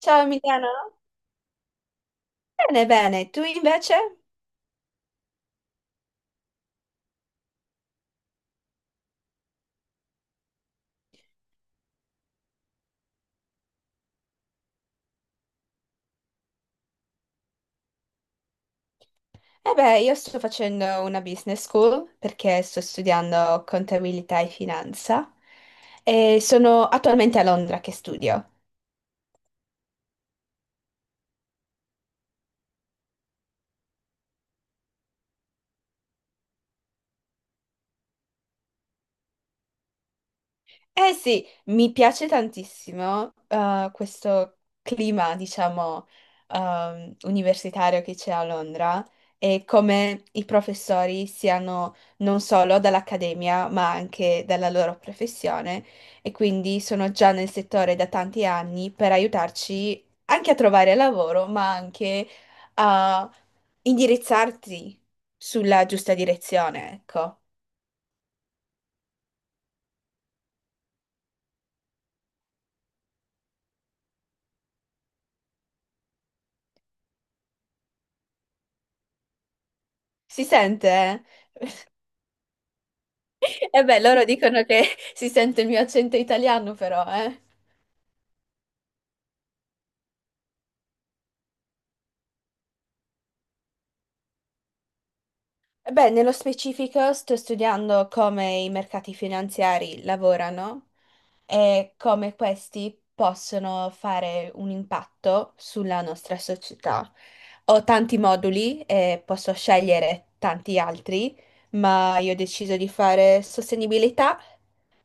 Ciao Emiliano, bene, bene, tu invece? Eh beh, io sto facendo una business school perché sto studiando contabilità e finanza e sono attualmente a Londra che studio. Eh sì, mi piace tantissimo questo clima, diciamo, universitario che c'è a Londra e come i professori siano non solo dall'accademia, ma anche dalla loro professione e quindi sono già nel settore da tanti anni per aiutarci anche a trovare lavoro, ma anche a indirizzarti sulla giusta direzione, ecco. Si sente? Eh? E beh, loro dicono che si sente il mio accento italiano, però, eh. Beh, nello specifico sto studiando come i mercati finanziari lavorano e come questi possono fare un impatto sulla nostra società. Ho tanti moduli e posso scegliere tanti altri, ma io ho deciso di fare sostenibilità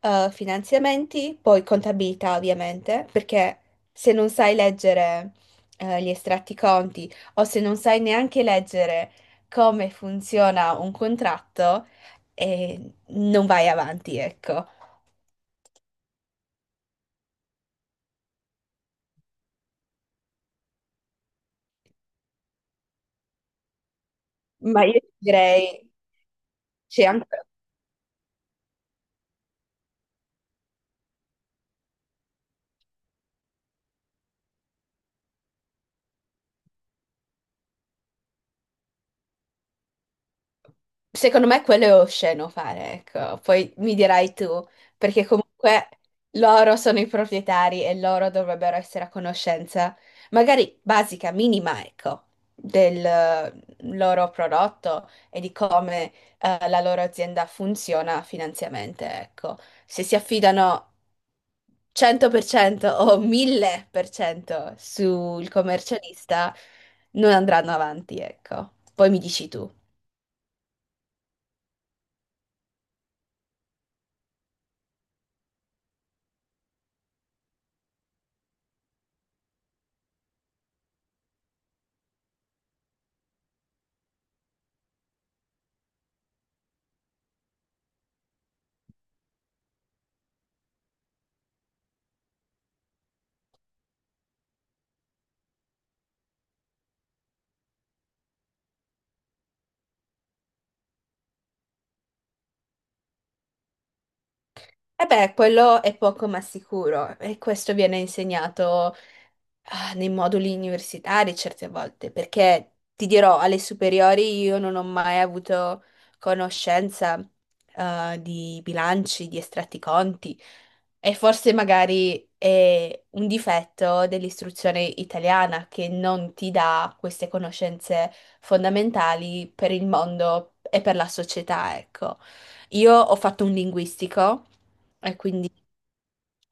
finanziamenti, poi contabilità ovviamente, perché se non sai leggere gli estratti conti o se non sai neanche leggere come funziona un contratto, non vai avanti, ecco. Ma io direi c'è anche Secondo me quello è osceno fare, ecco. Poi mi dirai tu, perché comunque loro sono i proprietari e loro dovrebbero essere a conoscenza, magari basica, minima, ecco, del loro prodotto e di come la loro azienda funziona finanziariamente, ecco. Se si affidano 100% o 1000% sul commercialista, non andranno avanti, ecco. Poi mi dici tu. E beh, quello è poco ma sicuro e questo viene insegnato nei moduli universitari certe volte, perché ti dirò, alle superiori io non ho mai avuto conoscenza di bilanci, di estratti conti e forse magari è un difetto dell'istruzione italiana che non ti dà queste conoscenze fondamentali per il mondo e per la società, ecco. Io ho fatto un linguistico. E quindi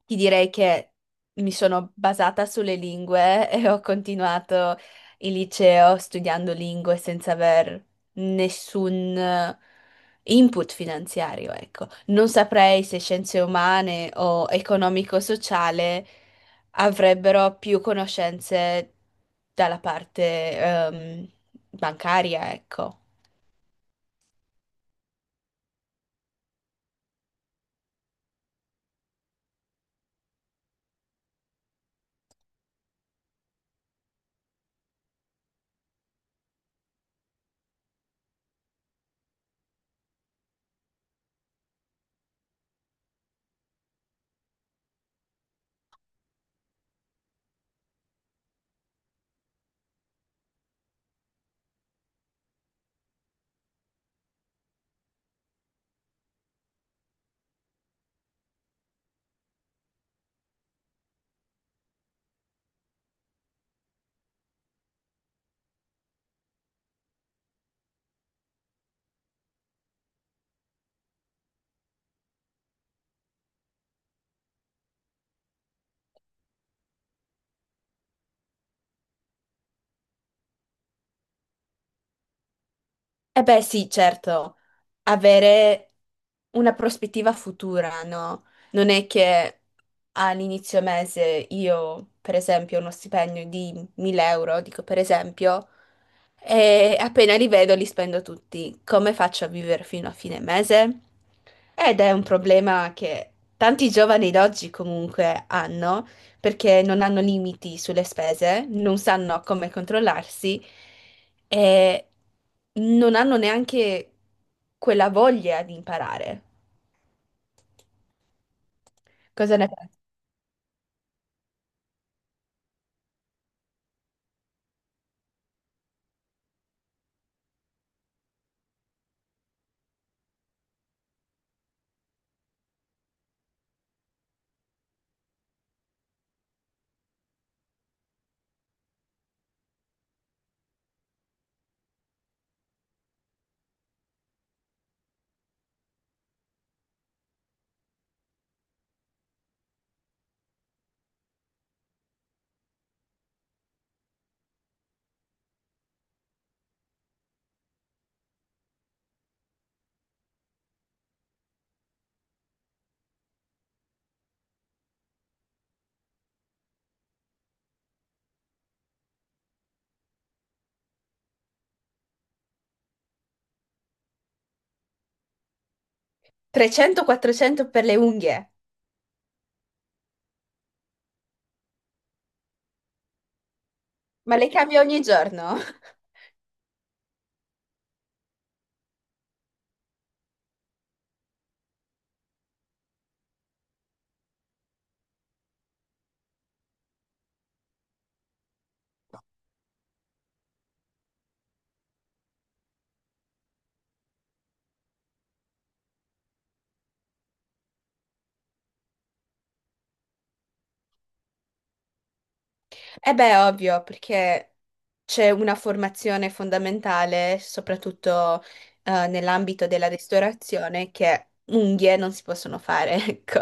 ti direi che mi sono basata sulle lingue e ho continuato il liceo studiando lingue senza aver nessun input finanziario, ecco. Non saprei se scienze umane o economico-sociale avrebbero più conoscenze dalla parte, bancaria, ecco. Eh beh, sì, certo, avere una prospettiva futura, no? Non è che all'inizio mese io, per esempio, ho uno stipendio di 1000 euro, dico per esempio, e appena li vedo li spendo tutti. Come faccio a vivere fino a fine mese? Ed è un problema che tanti giovani d'oggi comunque hanno, perché non hanno limiti sulle spese, non sanno come controllarsi e non hanno neanche quella voglia di imparare. Cosa ne pensi? 300-400 per le unghie, ma le cambio ogni giorno. Eh beh, ovvio, perché c'è una formazione fondamentale, soprattutto nell'ambito della ristorazione, che unghie non si possono fare, ecco.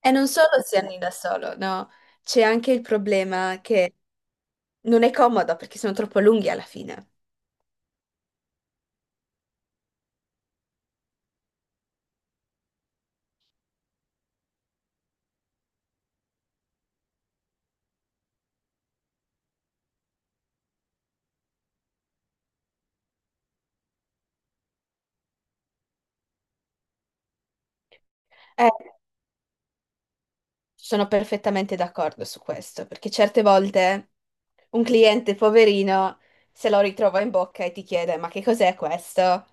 E non solo si hanno da solo, no? C'è anche il problema che non è comodo perché sono troppo lunghi alla fine. Eh, sono perfettamente d'accordo su questo, perché certe volte un cliente poverino se lo ritrova in bocca e ti chiede: ma che cos'è questo?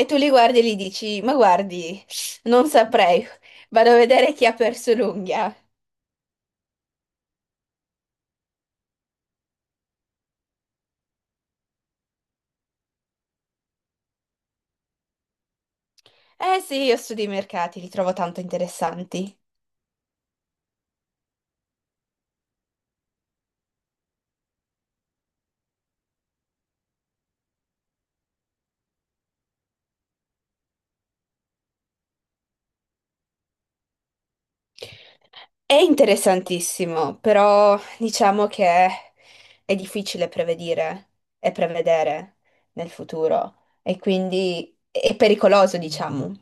E tu li guardi e gli dici, ma guardi, non saprei, vado a vedere chi ha perso l'unghia. Eh sì, io studio i mercati, li trovo tanto interessanti. È interessantissimo, però diciamo che è difficile prevedire e prevedere nel futuro e quindi è pericoloso, diciamo,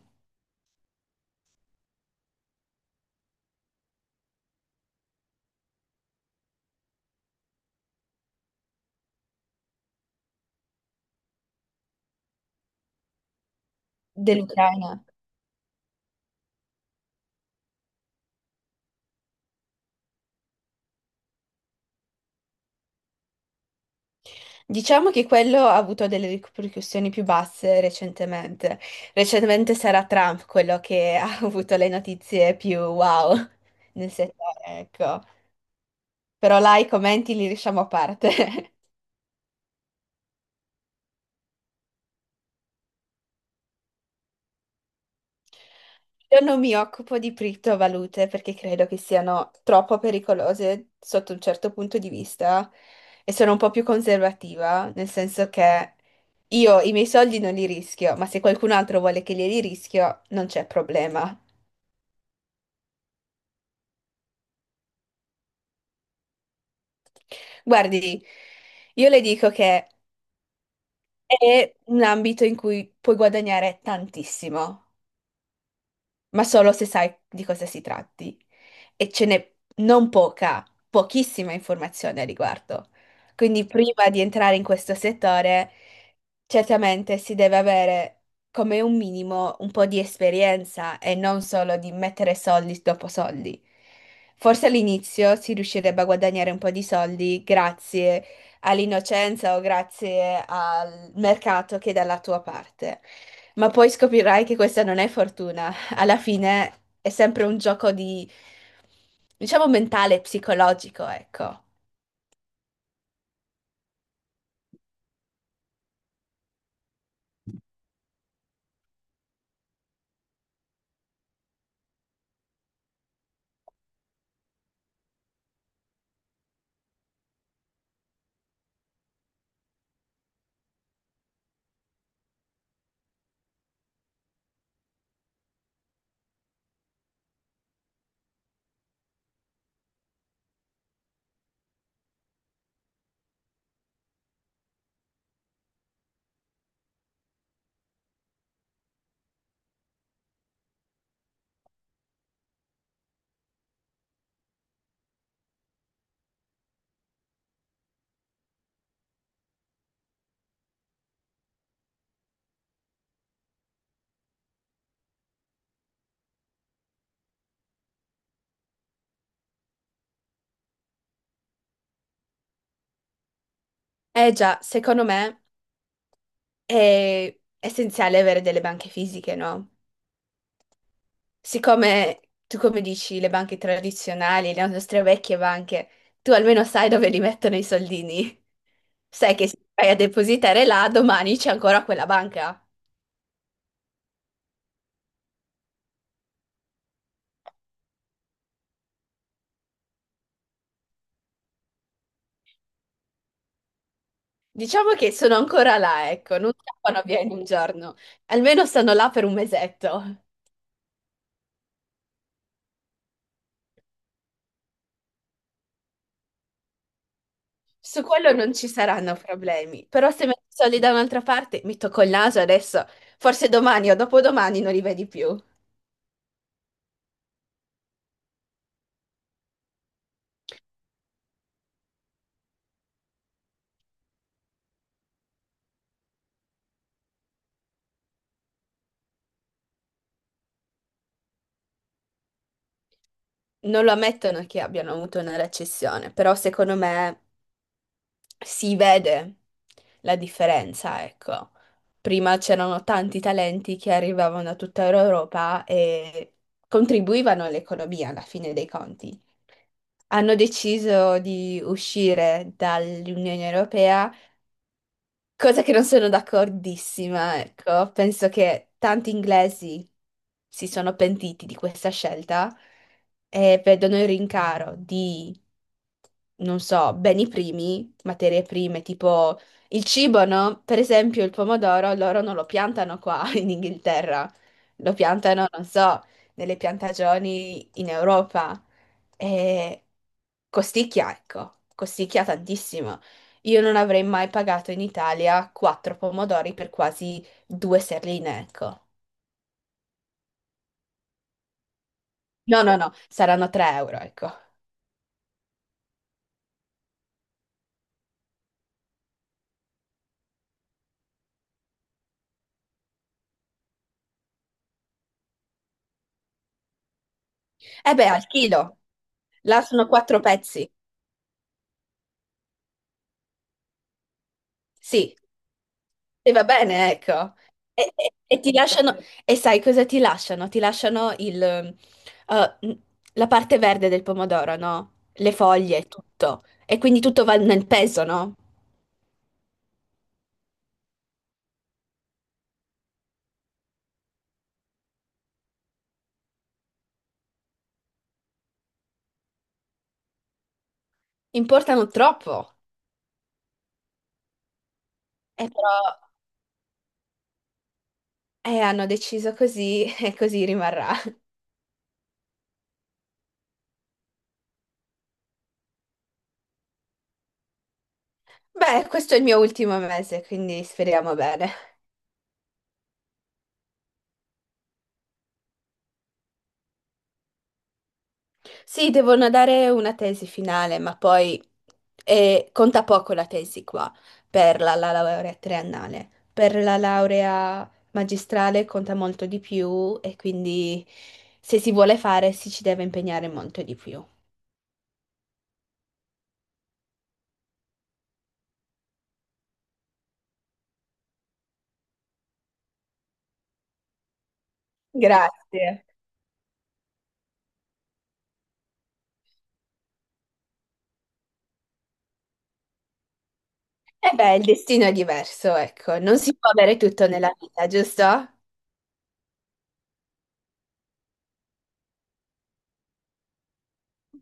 dell'Ucraina. Diciamo che quello ha avuto delle ripercussioni più basse recentemente. Recentemente sarà Trump quello che ha avuto le notizie più wow nel settore, ecco. Però là i commenti li lasciamo a parte. Io non mi occupo di criptovalute perché credo che siano troppo pericolose sotto un certo punto di vista e sono un po' più conservativa, nel senso che io i miei soldi non li rischio, ma se qualcun altro vuole che li rischio, non c'è problema. Guardi, io le dico che è un ambito in cui puoi guadagnare tantissimo, ma solo se sai di cosa si tratti. E ce n'è non poca, pochissima informazione a riguardo. Quindi prima di entrare in questo settore, certamente si deve avere come un minimo un po' di esperienza e non solo di mettere soldi dopo soldi. Forse all'inizio si riuscirebbe a guadagnare un po' di soldi grazie all'innocenza o grazie al mercato che è dalla tua parte, ma poi scoprirai che questa non è fortuna, alla fine è sempre un gioco di, diciamo, mentale e psicologico, ecco. Eh già, secondo me è essenziale avere delle banche fisiche, no? Siccome tu, come dici, le banche tradizionali, le nostre vecchie banche, tu almeno sai dove li mettono i soldini. Sai che se vai a depositare là, domani c'è ancora quella banca. Diciamo che sono ancora là, ecco, non scappano via in un giorno. Almeno stanno là per un mesetto. Su quello non ci saranno problemi, però se metto i soldi da un'altra parte, mi tocco il naso adesso, forse domani o dopodomani non li vedi più. Non lo ammettono che abbiano avuto una recessione, però secondo me si vede la differenza, ecco. Prima c'erano tanti talenti che arrivavano da tutta Europa e contribuivano all'economia alla fine dei conti. Hanno deciso di uscire dall'Unione Europea. Cosa che non sono d'accordissima, ecco. Penso che tanti inglesi si sono pentiti di questa scelta e vedono il rincaro di, non so, beni primi, materie prime, tipo il cibo, no? Per esempio il pomodoro, loro non lo piantano qua in Inghilterra, lo piantano, non so, nelle piantagioni in Europa. E costicchia, ecco, costicchia tantissimo. Io non avrei mai pagato in Italia quattro pomodori per quasi due sterline, ecco. No, no, no, saranno 3 euro, ecco. Eh beh, al chilo. Là sono quattro pezzi. Sì, e va bene, ecco. E, e ti lasciano, e sai cosa ti lasciano? Ti lasciano il, la parte verde del pomodoro, no? Le foglie, tutto. E quindi tutto va nel peso, no? Importano troppo. E però, hanno deciso così e così rimarrà. Beh, questo è il mio ultimo mese, quindi speriamo bene. Sì, devono dare una tesi finale, ma poi conta poco la tesi qua per la laurea triennale. Per la laurea magistrale conta molto di più e quindi se si vuole fare si ci deve impegnare molto di più. Grazie. E beh, il destino è diverso, ecco, non si può avere tutto nella vita, giusto?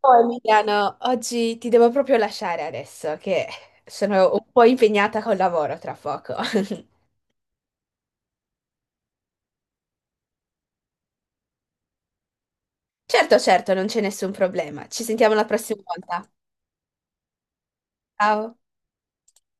Oh, Emiliano, oggi ti devo proprio lasciare adesso che sono un po' impegnata col lavoro tra poco. Certo, certo, non c'è nessun problema. Ci sentiamo la prossima volta. Ciao.